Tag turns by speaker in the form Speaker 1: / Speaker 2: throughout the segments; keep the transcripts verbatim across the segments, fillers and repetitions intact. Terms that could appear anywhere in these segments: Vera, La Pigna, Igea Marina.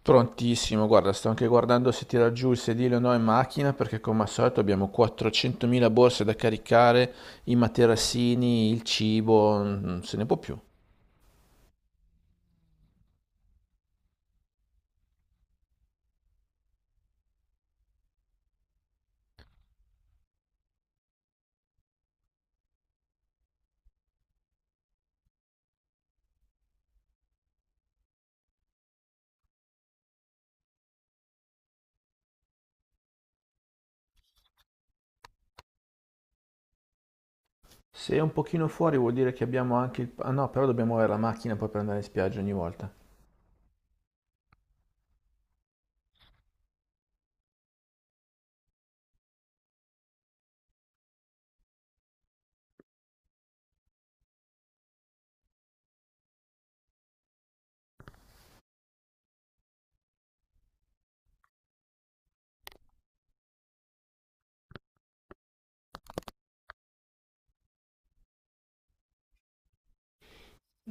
Speaker 1: Prontissimo, guarda, sto anche guardando se tira giù il sedile o no in macchina perché come al solito abbiamo quattrocentomila borse da caricare, i materassini, il cibo, non se ne può più. Se è un pochino fuori vuol dire che abbiamo anche il... Ah no, però dobbiamo avere la macchina poi per andare in spiaggia ogni volta.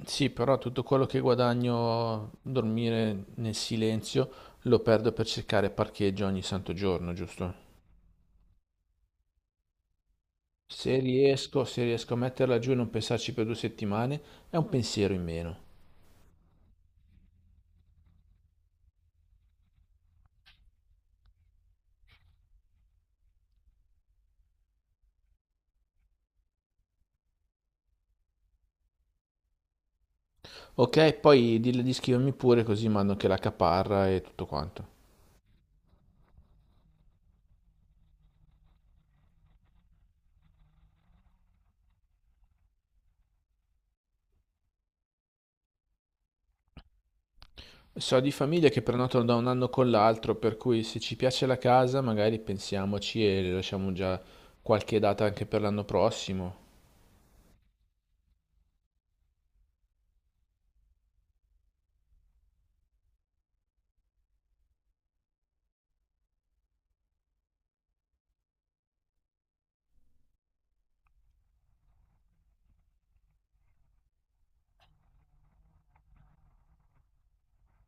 Speaker 1: Sì, però tutto quello che guadagno dormire nel silenzio lo perdo per cercare parcheggio ogni santo giorno, giusto? Se riesco, se riesco a metterla giù e non pensarci per due settimane, è un pensiero in meno. Ok, poi dille di scrivermi pure così mando anche la caparra e tutto quanto. So di famiglie che prenotano da un anno con l'altro, per cui se ci piace la casa magari pensiamoci e le lasciamo già qualche data anche per l'anno prossimo.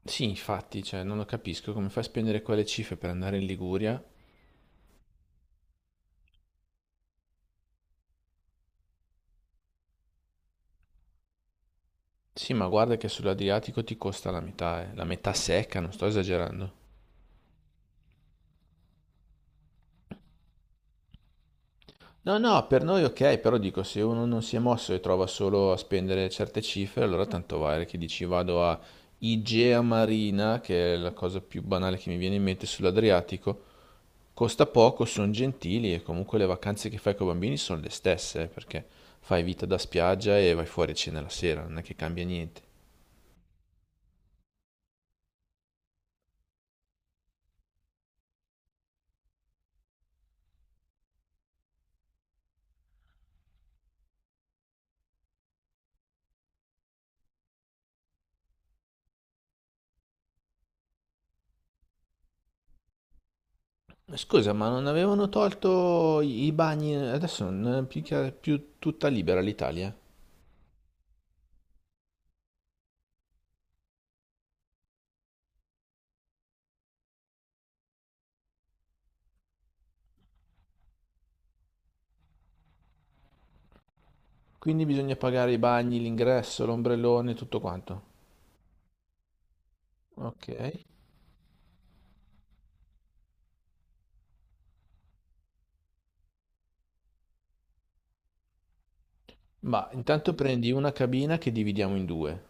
Speaker 1: Sì, infatti, cioè, non lo capisco come fai a spendere quelle cifre per andare in Liguria. Sì, ma guarda che sull'Adriatico ti costa la metà, eh. La metà secca, non sto esagerando. No, no, per noi ok, però dico, se uno non si è mosso e trova solo a spendere certe cifre, allora tanto vale che dici vado a Igea Marina, che è la cosa più banale che mi viene in mente sull'Adriatico, costa poco, sono gentili e comunque le vacanze che fai con i bambini sono le stesse, eh, perché fai vita da spiaggia e vai fuori a cena la sera, non è che cambia niente. Scusa, ma non avevano tolto i i bagni, adesso non è più, chiaro- più tutta libera l'Italia? Quindi bisogna pagare i bagni, l'ingresso, l'ombrellone, tutto quanto. Ok, ma intanto prendi una cabina che dividiamo in due.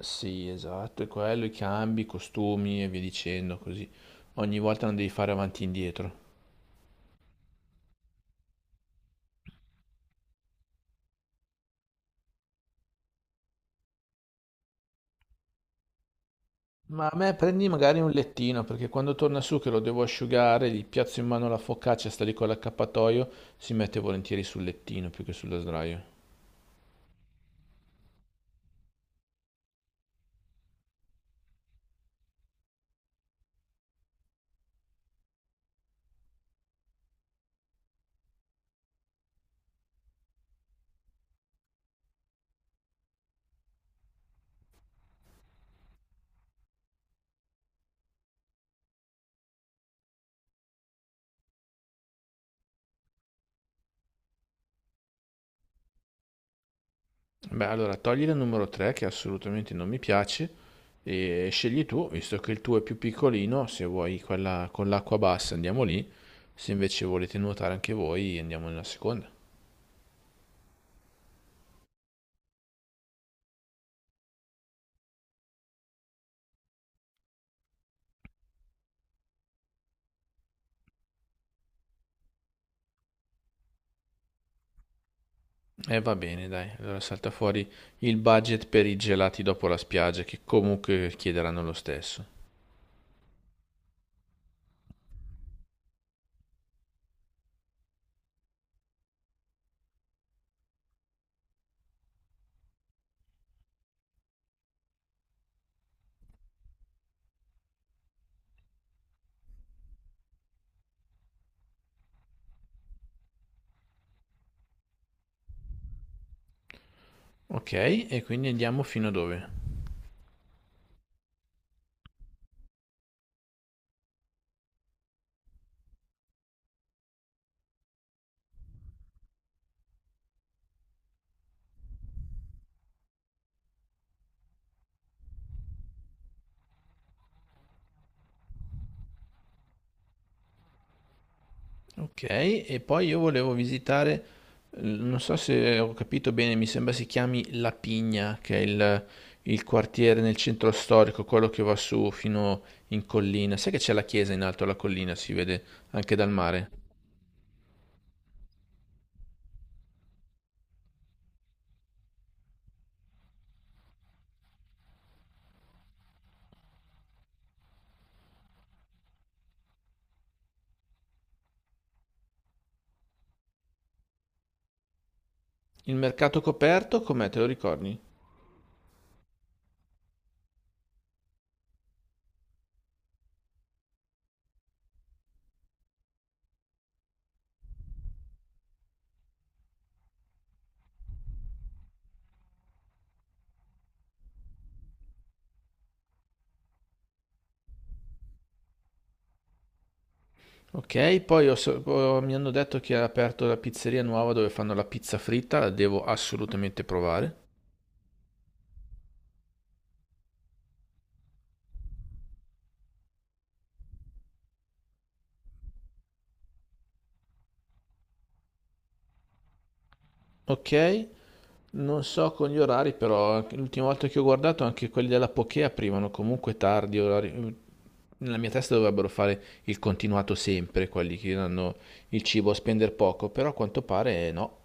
Speaker 1: Sì, esatto, è quello, i cambi, i costumi e via dicendo, così ogni volta non devi fare avanti e indietro. Ma a me prendi magari un lettino, perché quando torna su che lo devo asciugare, gli piazzo in mano la focaccia, sta lì con l'accappatoio, si mette volentieri sul lettino più che sullo sdraio. Beh, allora togli la numero tre che assolutamente non mi piace e scegli tu, visto che il tuo è più piccolino, se vuoi quella con l'acqua bassa andiamo lì, se invece volete nuotare anche voi andiamo nella seconda. E eh, va bene, dai, allora salta fuori il budget per i gelati dopo la spiaggia che comunque chiederanno lo stesso. Ok, e quindi andiamo fino a dove? Ok, e poi io volevo visitare, eh, non so se ho capito bene, mi sembra si chiami La Pigna, che è il, il quartiere nel centro storico, quello che va su fino in collina. Sai che c'è la chiesa in alto alla collina, si vede anche dal mare. Il mercato coperto, com'è, te lo ricordi? Ok, poi ho so- ho- mi hanno detto che ha aperto la pizzeria nuova dove fanno la pizza fritta, la devo assolutamente provare. Ok, non so con gli orari, però anche- l'ultima volta che ho guardato anche quelli della Poké aprivano comunque tardi orari. Nella mia testa dovrebbero fare il continuato sempre, quelli che danno il cibo a spendere poco, però a quanto pare no.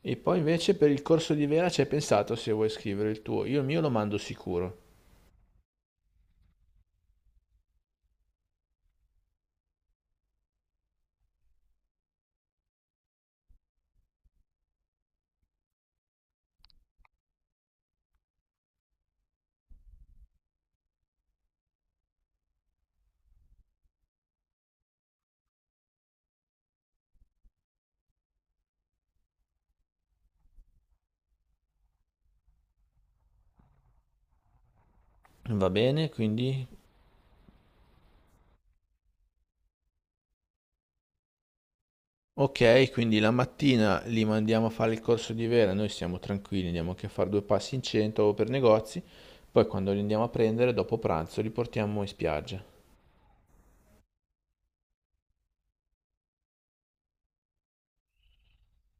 Speaker 1: E poi invece per il corso di Vera ci hai pensato se vuoi scrivere il tuo. Io il mio lo mando sicuro. Va bene, quindi... Ok, quindi la mattina li mandiamo a fare il corso di Vera, noi siamo tranquilli, andiamo anche a fare due passi in centro o per negozi, poi quando li andiamo a prendere dopo pranzo li portiamo in spiaggia.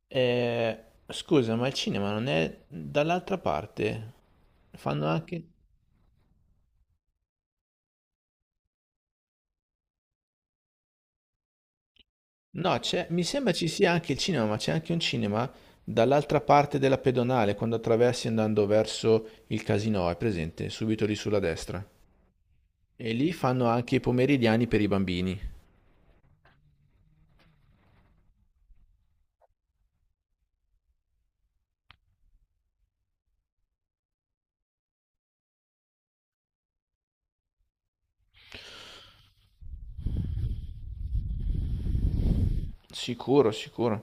Speaker 1: Eh, scusa, ma il cinema non è dall'altra parte? Fanno anche... No, c'è... mi sembra ci sia anche il cinema, ma c'è anche un cinema dall'altra parte della pedonale, quando attraversi andando verso il casino, è presente, subito lì sulla destra. E lì fanno anche i pomeridiani per i bambini. Sicuro, sicuro.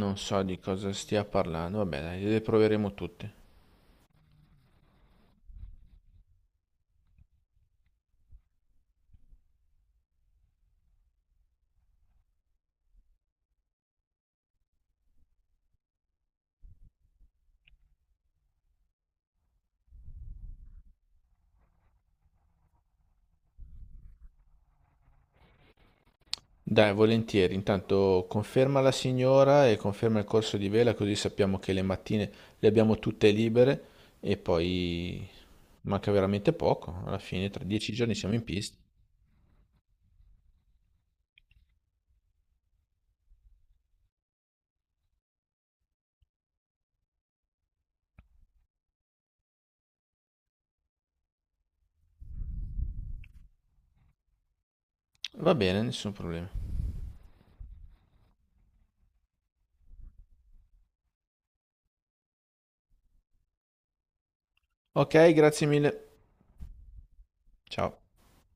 Speaker 1: Non so di cosa stia parlando, vabbè, dai, le proveremo tutte. Dai, volentieri. Intanto conferma la signora e conferma il corso di vela, così sappiamo che le mattine le abbiamo tutte libere e poi manca veramente poco. Alla fine, tra dieci giorni siamo in pista. Va bene, nessun problema. Ok, grazie mille. Ciao.